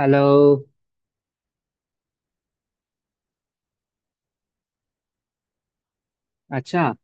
Hello. अच्छा।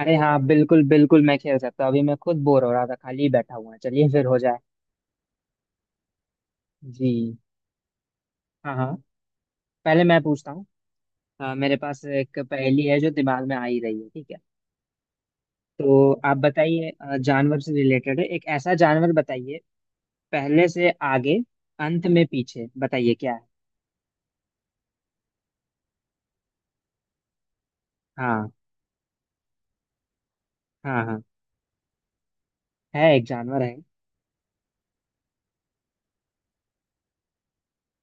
अरे हाँ, बिल्कुल बिल्कुल मैं खेल सकता हूँ। अभी मैं खुद बोर हो रहा था, खाली ही बैठा हुआ है। चलिए फिर हो जाए। जी। हाँ हाँ। पहले मैं पूछता हूँ। मेरे पास एक पहेली है जो दिमाग में आ ही रही है, ठीक है। तो आप बताइए, जानवर से रिलेटेड है। एक ऐसा जानवर बताइए, पहले से आगे, अंत में पीछे, बताइए क्या है। हाँ। हाँ हाँ। है, एक जानवर है।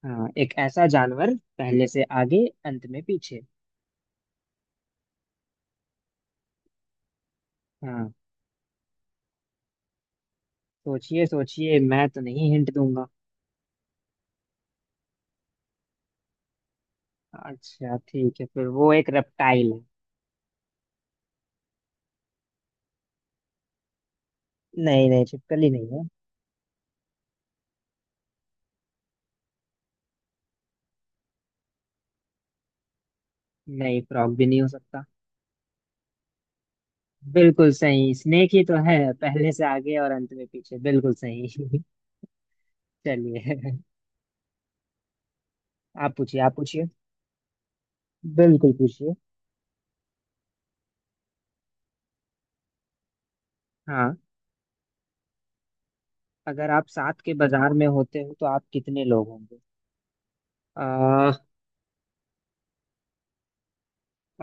हाँ, एक ऐसा जानवर, पहले से आगे अंत में पीछे। हाँ, सोचिए सोचिए, मैं तो नहीं हिंट दूंगा। अच्छा ठीक है, फिर वो एक रेप्टाइल है। नहीं नहीं, छिपकली नहीं है। नहीं, फ्रॉग भी नहीं हो सकता। बिल्कुल सही, स्नेक ही तो है। पहले से आगे और अंत में पीछे, बिल्कुल सही। चलिए। आप पूछिए आप पूछिए। बिल्कुल पूछिए। हाँ। अगर आप सात के बाजार में होते हो तो आप कितने लोग होंगे। आ,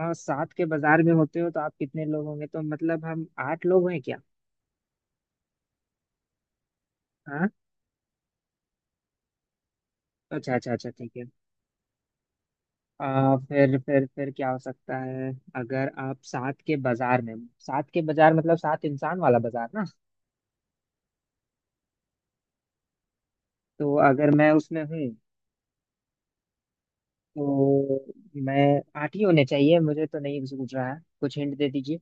सात के बाजार में होते हो तो आप कितने लोग होंगे तो मतलब हम आठ लोग हैं क्या। हाँ। अच्छा अच्छा अच्छा ठीक है। फिर क्या हो सकता है। अगर आप सात के बाजार में, सात के बाजार मतलब सात इंसान वाला बाजार ना, तो अगर मैं उसमें हूँ तो मैं आठ ही होने चाहिए। मुझे तो नहीं सूझ रहा है, कुछ हिंट दे दीजिए।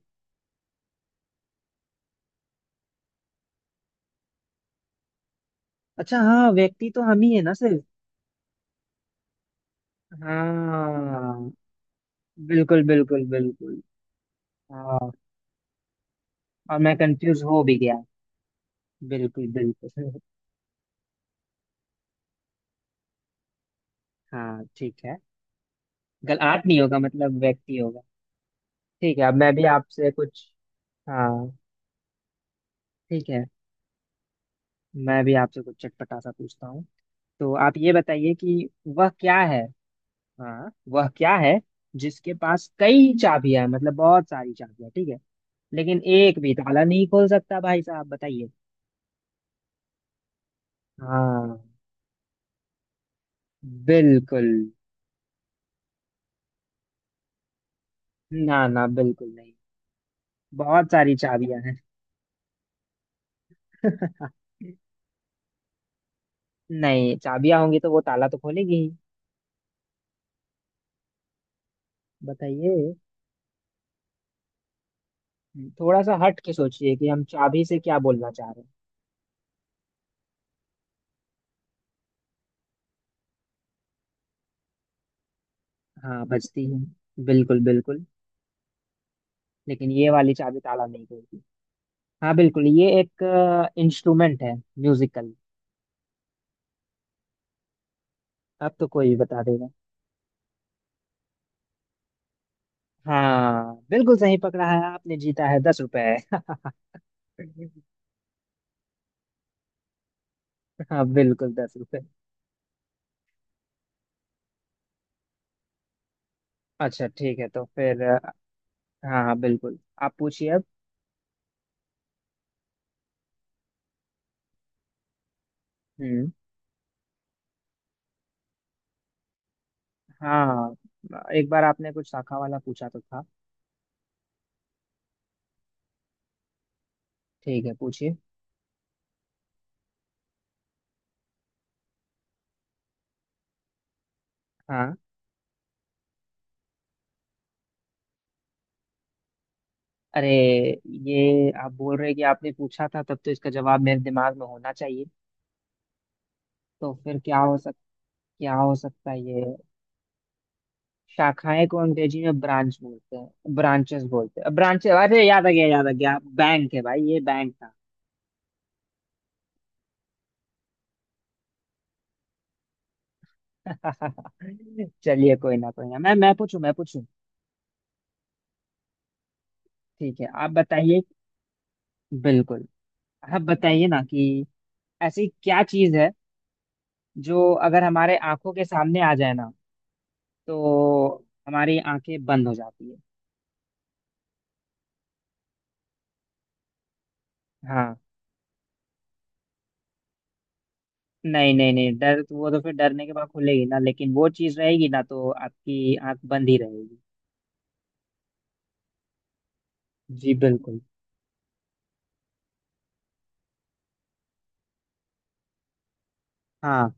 अच्छा हाँ, व्यक्ति तो हम ही है ना सिर्फ। हाँ बिल्कुल बिल्कुल बिल्कुल। हाँ, और मैं कंफ्यूज हो भी गया। बिल्कुल बिल्कुल। हाँ ठीक है। गल आठ नहीं होगा, मतलब व्यक्ति होगा। ठीक है, अब मैं भी आपसे कुछ। हाँ ठीक है, मैं भी आपसे कुछ चटपटा सा पूछता हूँ। तो आप ये बताइए कि वह क्या है। हाँ, वह क्या है, जिसके पास कई चाबियां हैं, मतलब बहुत सारी चाबियां, ठीक है। लेकिन एक भी ताला नहीं खोल सकता, भाई साहब बताइए। हाँ बिल्कुल। ना ना, बिल्कुल नहीं। बहुत सारी चाबियां हैं। नहीं, चाबियां होंगी तो वो ताला तो खोलेगी ही। बताइए। थोड़ा सा हट के सोचिए कि हम चाबी से क्या बोलना चाह रहे हैं। हाँ, बजती है, बिल्कुल बिल्कुल। लेकिन ये वाली चाबी ताला नहीं खोलती। हाँ बिल्कुल, ये एक इंस्ट्रूमेंट है, म्यूजिकल। अब तो कोई भी बता देगा। हाँ बिल्कुल सही पकड़ा है आपने, जीता है 10 रुपए। हाँ बिल्कुल 10 रुपए। अच्छा ठीक है, तो फिर हाँ हाँ बिल्कुल। आप पूछिए अब। हम्म। हाँ, एक बार आपने कुछ शाखा वाला पूछा तो था। ठीक है पूछिए। हाँ। अरे, ये आप बोल रहे हैं कि आपने पूछा था, तब तो इसका जवाब मेरे दिमाग में होना चाहिए। तो फिर क्या हो सक, क्या हो सकता है ये। शाखाएं को अंग्रेजी में ब्रांच बोलते हैं, ब्रांचेस बोलते हैं, ब्रांचेस, अरे याद आ गया याद आ गया, बैंक है भाई, ये बैंक था। चलिए कोई ना कोई ना, मैं पूछूं मैं पूछूं। ठीक है आप बताइए। बिल्कुल। आप बताइए ना कि ऐसी क्या चीज है जो अगर हमारे आंखों के सामने आ जाए ना, तो हमारी आंखें बंद हो जाती है। हाँ। नहीं नहीं नहीं, डर तो, वो तो फिर डरने के बाद खुलेगी ना, लेकिन वो चीज रहेगी ना तो आपकी आंख बंद ही रहेगी। जी बिल्कुल। हाँ।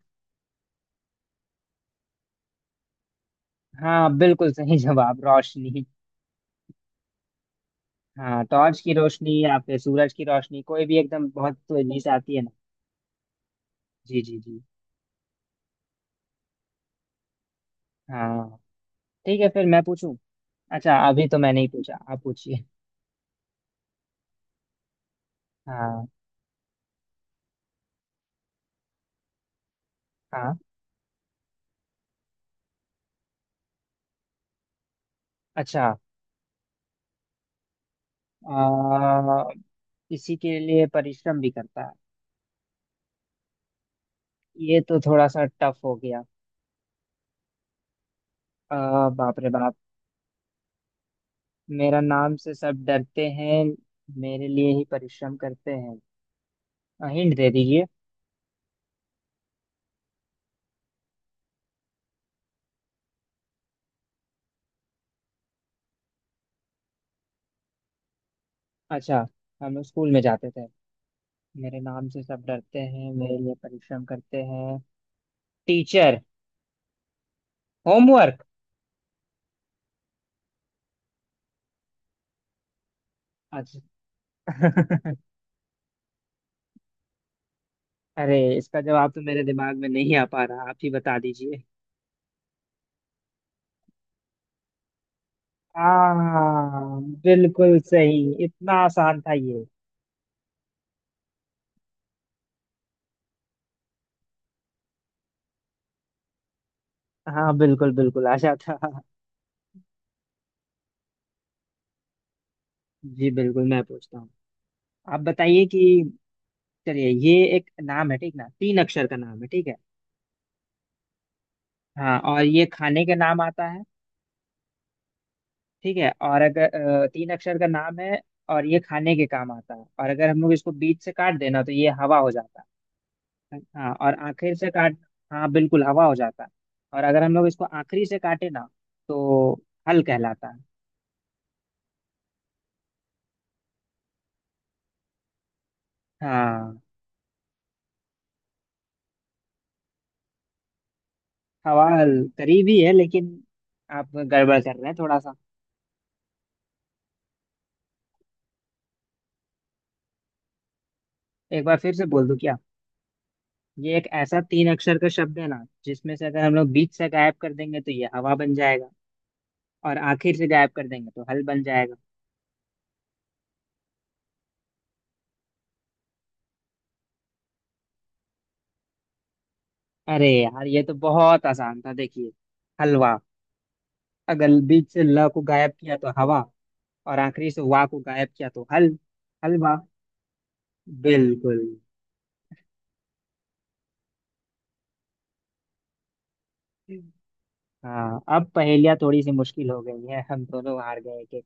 हाँ बिल्कुल सही जवाब, रोशनी। हाँ, टॉर्च की रोशनी या फिर सूरज की रोशनी, कोई भी एकदम बहुत तेजी से आती है ना। जी जी जी। हाँ ठीक है, फिर मैं पूछूं। अच्छा अभी तो मैं नहीं पूछा, आप पूछिए। हाँ हाँ। अच्छा। आ, इसी के लिए परिश्रम भी करता है। ये तो थोड़ा सा टफ हो गया। बाप रे बाप। मेरा नाम से सब डरते हैं, मेरे लिए ही परिश्रम करते हैं। हिंट दे दीजिए। अच्छा। हम लोग स्कूल में जाते थे, मेरे नाम से सब डरते हैं, मेरे लिए परिश्रम करते हैं। टीचर। होमवर्क। अच्छा। अरे, इसका जवाब तो मेरे दिमाग में नहीं आ पा रहा, आप ही बता दीजिए। हाँ बिल्कुल सही, इतना आसान था ये। हाँ बिल्कुल बिल्कुल आशा था। जी बिल्कुल, मैं पूछता हूँ। आप बताइए कि, चलिए, ये एक नाम है, ठीक ना, तीन अक्षर का नाम है, ठीक है। हाँ, और ये खाने के नाम आता है, ठीक है, और अगर तीन अक्षर का नाम है और ये खाने के काम आता है, और अगर हम लोग इसको बीच से काट देना तो ये हवा हो जाता है। हाँ, और आखिर से काट, हाँ बिल्कुल हवा हो जाता है। और अगर हम लोग इसको आखिरी से काटे ना तो हल कहलाता है। हाँ, हवा हल करीब ही है, लेकिन आप गड़बड़ कर रहे हैं थोड़ा सा। एक बार फिर से बोल दूं क्या। ये एक ऐसा तीन अक्षर का शब्द है ना, जिसमें से अगर हम लोग बीच से गायब कर देंगे तो ये हवा बन जाएगा, और आखिर से गायब कर देंगे तो हल बन जाएगा। अरे यार, ये तो बहुत आसान था, देखिए, हलवा, अगर बीच से ल को गायब किया तो हवा, और आखिरी से वा को गायब किया तो हल। हलवा। बिल्कुल। हाँ, अब पहेलियाँ थोड़ी सी मुश्किल हो गई है, हम दोनों हार गए के।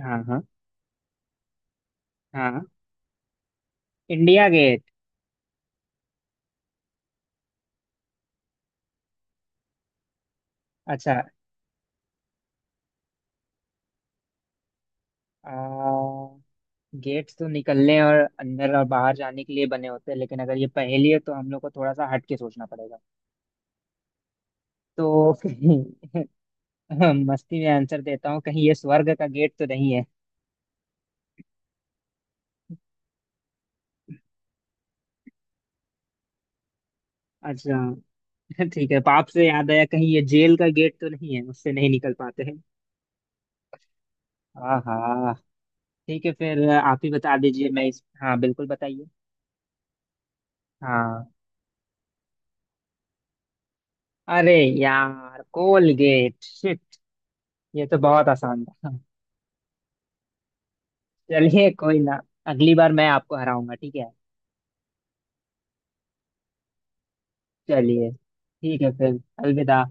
हाँ हाँ। हाँ, इंडिया गेट। अच्छा। आ, गेट्स तो निकलने और अंदर और बाहर जाने के लिए बने होते हैं, लेकिन अगर ये पहेली है तो हम लोग को थोड़ा सा हट के सोचना पड़ेगा। तो कहीं मस्ती में आंसर देता हूँ, कहीं ये स्वर्ग का गेट तो नहीं। अच्छा। ठीक है, पाप से याद आया, कहीं ये जेल का गेट तो नहीं है, उससे नहीं निकल पाते हैं। हाँ हाँ। ठीक है, फिर आप ही बता दीजिए, मैं इस, हाँ बिल्कुल बताइए। हाँ। अरे यार, कोलगेट, शिट, ये तो बहुत आसान था। चलिए कोई ना, अगली बार मैं आपको हराऊंगा, ठीक है। चलिए, ठीक है, फिर अलविदा।